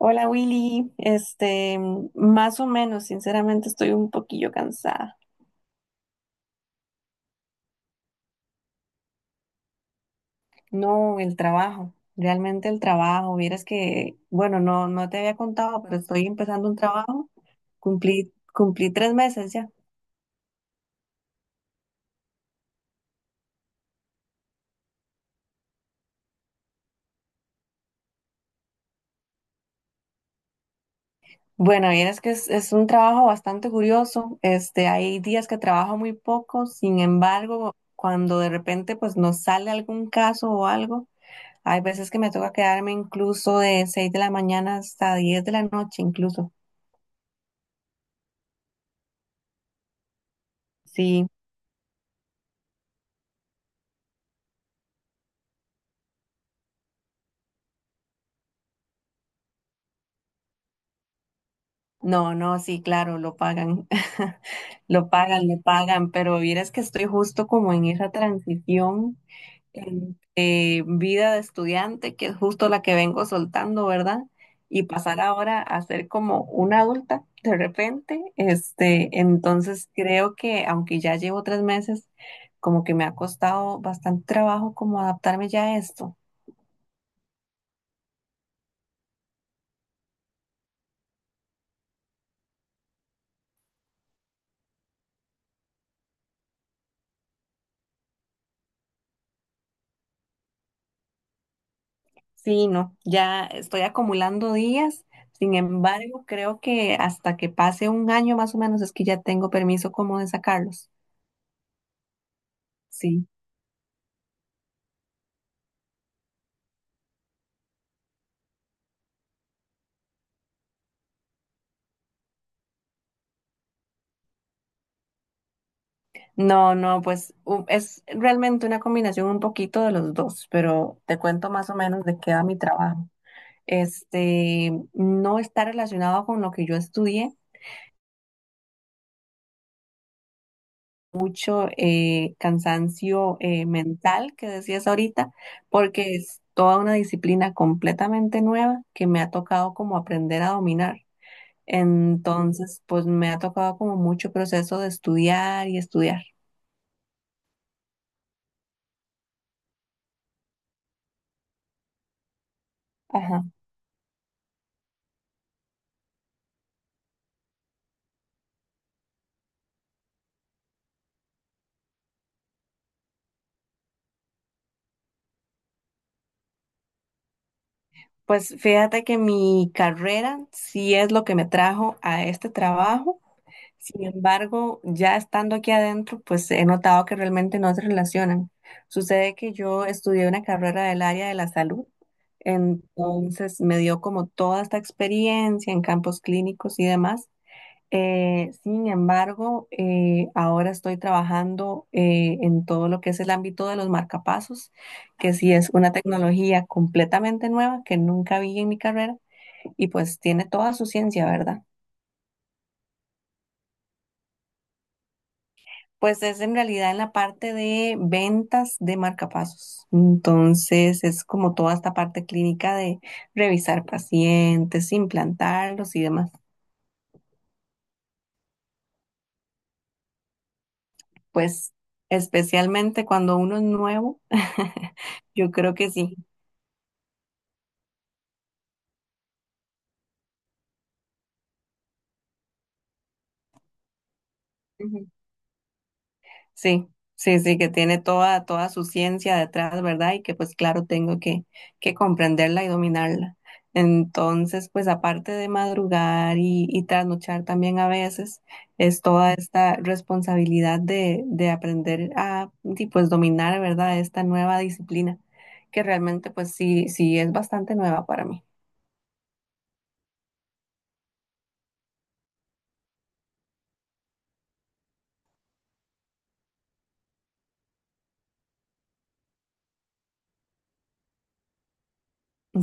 Hola Willy, este, más o menos, sinceramente estoy un poquillo cansada. No, el trabajo, realmente el trabajo. Vieras que, bueno, no, no te había contado, pero estoy empezando un trabajo. Cumplí 3 meses ya. Bueno, vieras que es un trabajo bastante curioso. Este, hay días que trabajo muy poco, sin embargo, cuando de repente pues nos sale algún caso o algo, hay veces que me toca quedarme incluso de 6 de la mañana hasta 10 de la noche incluso. Sí. No, no, sí, claro, lo pagan, lo pagan, le pagan, pero vieras que estoy justo como en esa transición entre vida de estudiante, que es justo la que vengo soltando, ¿verdad? Y pasar ahora a ser como una adulta de repente, este, entonces creo que aunque ya llevo 3 meses, como que me ha costado bastante trabajo como adaptarme ya a esto. Sí, no, ya estoy acumulando días. Sin embargo, creo que hasta que pase un año más o menos es que ya tengo permiso como de sacarlos. Sí. No, no, pues es realmente una combinación un poquito de los dos, pero te cuento más o menos de qué va mi trabajo. Este, no está relacionado con lo que yo estudié, mucho cansancio mental que decías ahorita, porque es toda una disciplina completamente nueva que me ha tocado como aprender a dominar. Entonces, pues me ha tocado como mucho proceso de estudiar y estudiar. Ajá. Pues fíjate que mi carrera sí es lo que me trajo a este trabajo. Sin embargo, ya estando aquí adentro, pues he notado que realmente no se relacionan. Sucede que yo estudié una carrera del área de la salud, entonces me dio como toda esta experiencia en campos clínicos y demás. Sin embargo, ahora estoy trabajando en todo lo que es el ámbito de los marcapasos, que sí es una tecnología completamente nueva que nunca vi en mi carrera y pues tiene toda su ciencia, ¿verdad? Pues es en realidad en la parte de ventas de marcapasos. Entonces es como toda esta parte clínica de revisar pacientes, implantarlos y demás. Pues especialmente cuando uno es nuevo, yo creo que sí. Sí, sí, sí, que tiene toda, toda su ciencia detrás, ¿verdad? Y que pues claro, tengo que comprenderla y dominarla. Entonces, pues aparte de madrugar y trasnochar también a veces, es toda esta responsabilidad de aprender a y pues dominar, ¿verdad? Esta nueva disciplina, que realmente pues sí, sí es bastante nueva para mí.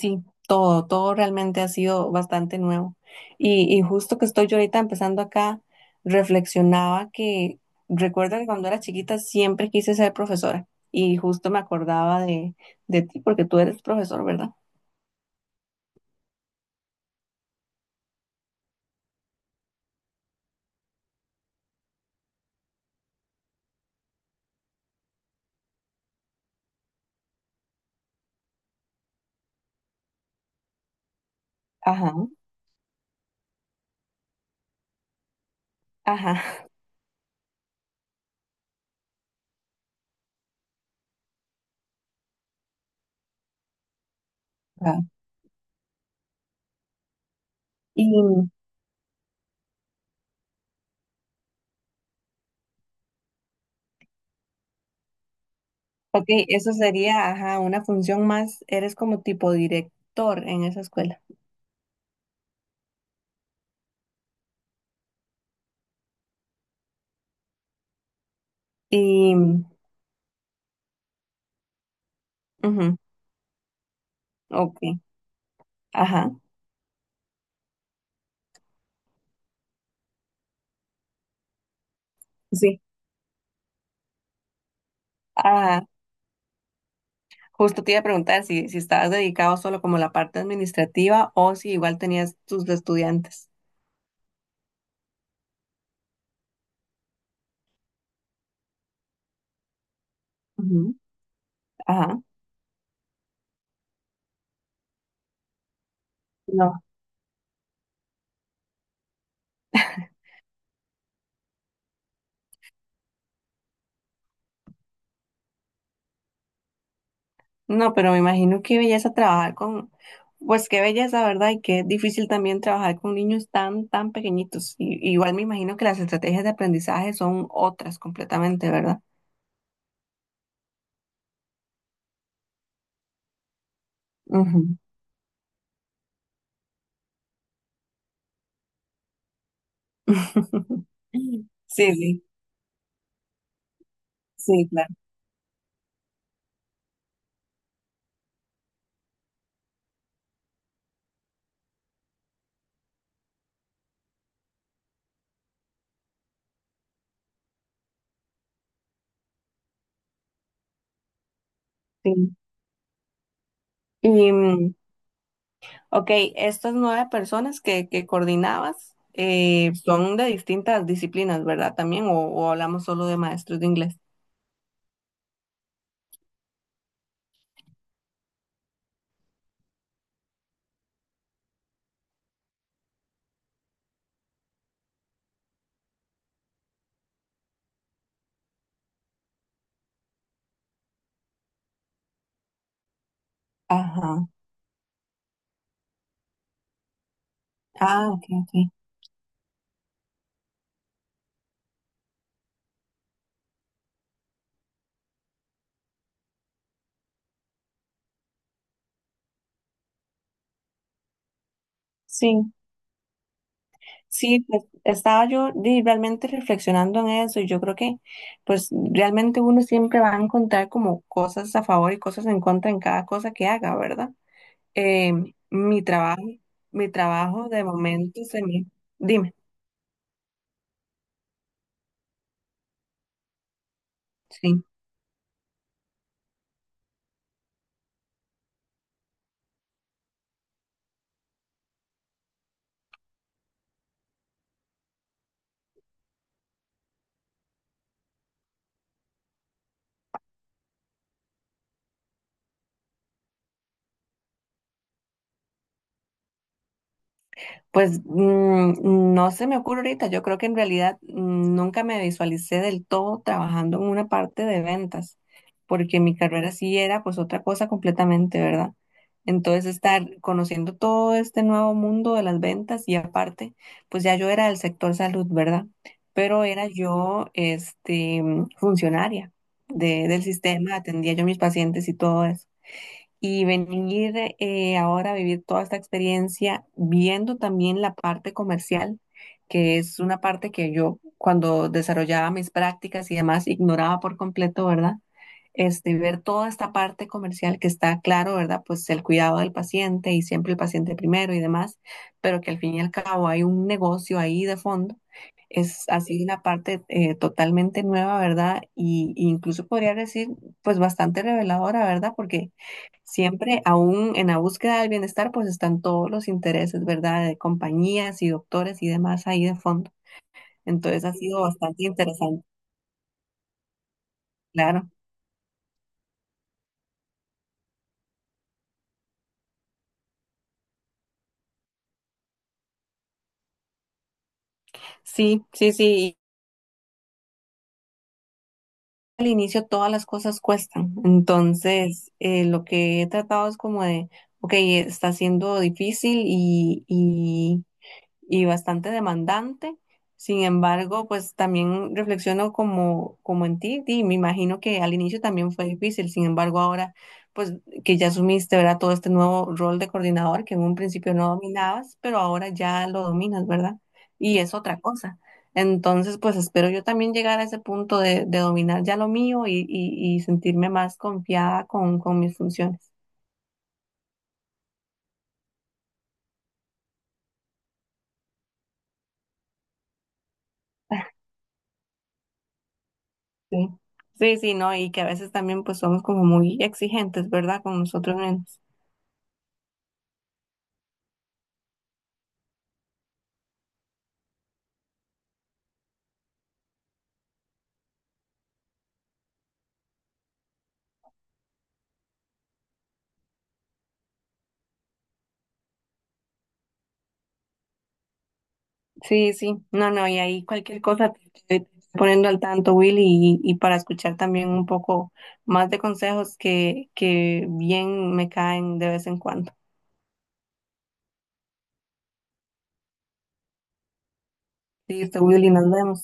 Sí, todo, todo realmente ha sido bastante nuevo. Y justo que estoy yo ahorita empezando acá, reflexionaba que recuerdo que cuando era chiquita siempre quise ser profesora y justo me acordaba de ti porque tú eres profesor, ¿verdad? Ajá, ajá. Ajá. Y, ok, eso sería, ajá, una función más, eres como tipo director en esa escuela. Y, ujú. Ok, ajá, sí. Ah, justo te iba a preguntar si, si estabas dedicado solo como a la parte administrativa o si igual tenías tus estudiantes. Ujú. Ajá, no. No, pero me imagino qué belleza trabajar con, pues qué belleza, ¿verdad? Y qué difícil también trabajar con niños tan, tan pequeñitos. Y- igual me imagino que las estrategias de aprendizaje son otras completamente, ¿verdad? Ujú. Sí, sí, sí, claro. Sí. Y, ok, estas nueve personas que coordinabas son de distintas disciplinas, ¿verdad? También, o hablamos solo de maestros de inglés. Ajá. Ah, ok, ok. Sí, sí, pues estaba yo realmente reflexionando en eso y yo creo que pues realmente uno siempre va a encontrar como cosas a favor y cosas en contra en cada cosa que haga, ¿verdad? Eh, mi trabajo, mi trabajo de momento se me... Dime, sí. Pues no se me ocurre ahorita. Yo creo que en realidad nunca me visualicé del todo trabajando en una parte de ventas, porque mi carrera sí era pues otra cosa completamente, ¿verdad? Entonces estar conociendo todo este nuevo mundo de las ventas y aparte, pues ya yo era del sector salud, ¿verdad? Pero era yo este funcionaria del sistema, atendía yo mis pacientes y todo eso y venir ahora a vivir toda esta experiencia, viendo también la parte comercial, que es una parte que yo cuando desarrollaba mis prácticas y demás ignoraba por completo, ¿verdad? Este, ver toda esta parte comercial que está claro, ¿verdad? Pues el cuidado del paciente y siempre el paciente primero y demás, pero que al fin y al cabo hay un negocio ahí de fondo es así una parte totalmente nueva, ¿verdad? Y incluso podría decir, pues bastante reveladora, ¿verdad? Porque siempre, aún en la búsqueda del bienestar, pues están todos los intereses, ¿verdad? De compañías y doctores y demás ahí de fondo. Entonces ha sido bastante interesante, claro. Sí, sí, sí. Al inicio todas las cosas cuestan. Entonces, lo que he tratado es como de, ok, está siendo difícil y bastante demandante. Sin embargo, pues también reflexiono como, como en ti y me imagino que al inicio también fue difícil. Sin embargo, ahora pues que ya asumiste, ¿verdad? Todo este nuevo rol de coordinador que en un principio no dominabas, pero ahora ya lo dominas, ¿verdad? Y es otra cosa. Entonces, pues espero yo también llegar a ese punto de dominar ya lo mío y sentirme más confiada con mis funciones. Sí, sí, sí, no, y que a veces también pues somos como muy exigentes, ¿verdad? Con nosotros mismos. Sí, sí, no, no, y ahí cualquier cosa te estoy poniendo al tanto, Willy, y para escuchar también un poco más de consejos que bien me caen de vez en cuando. Listo, Willy, nos vemos.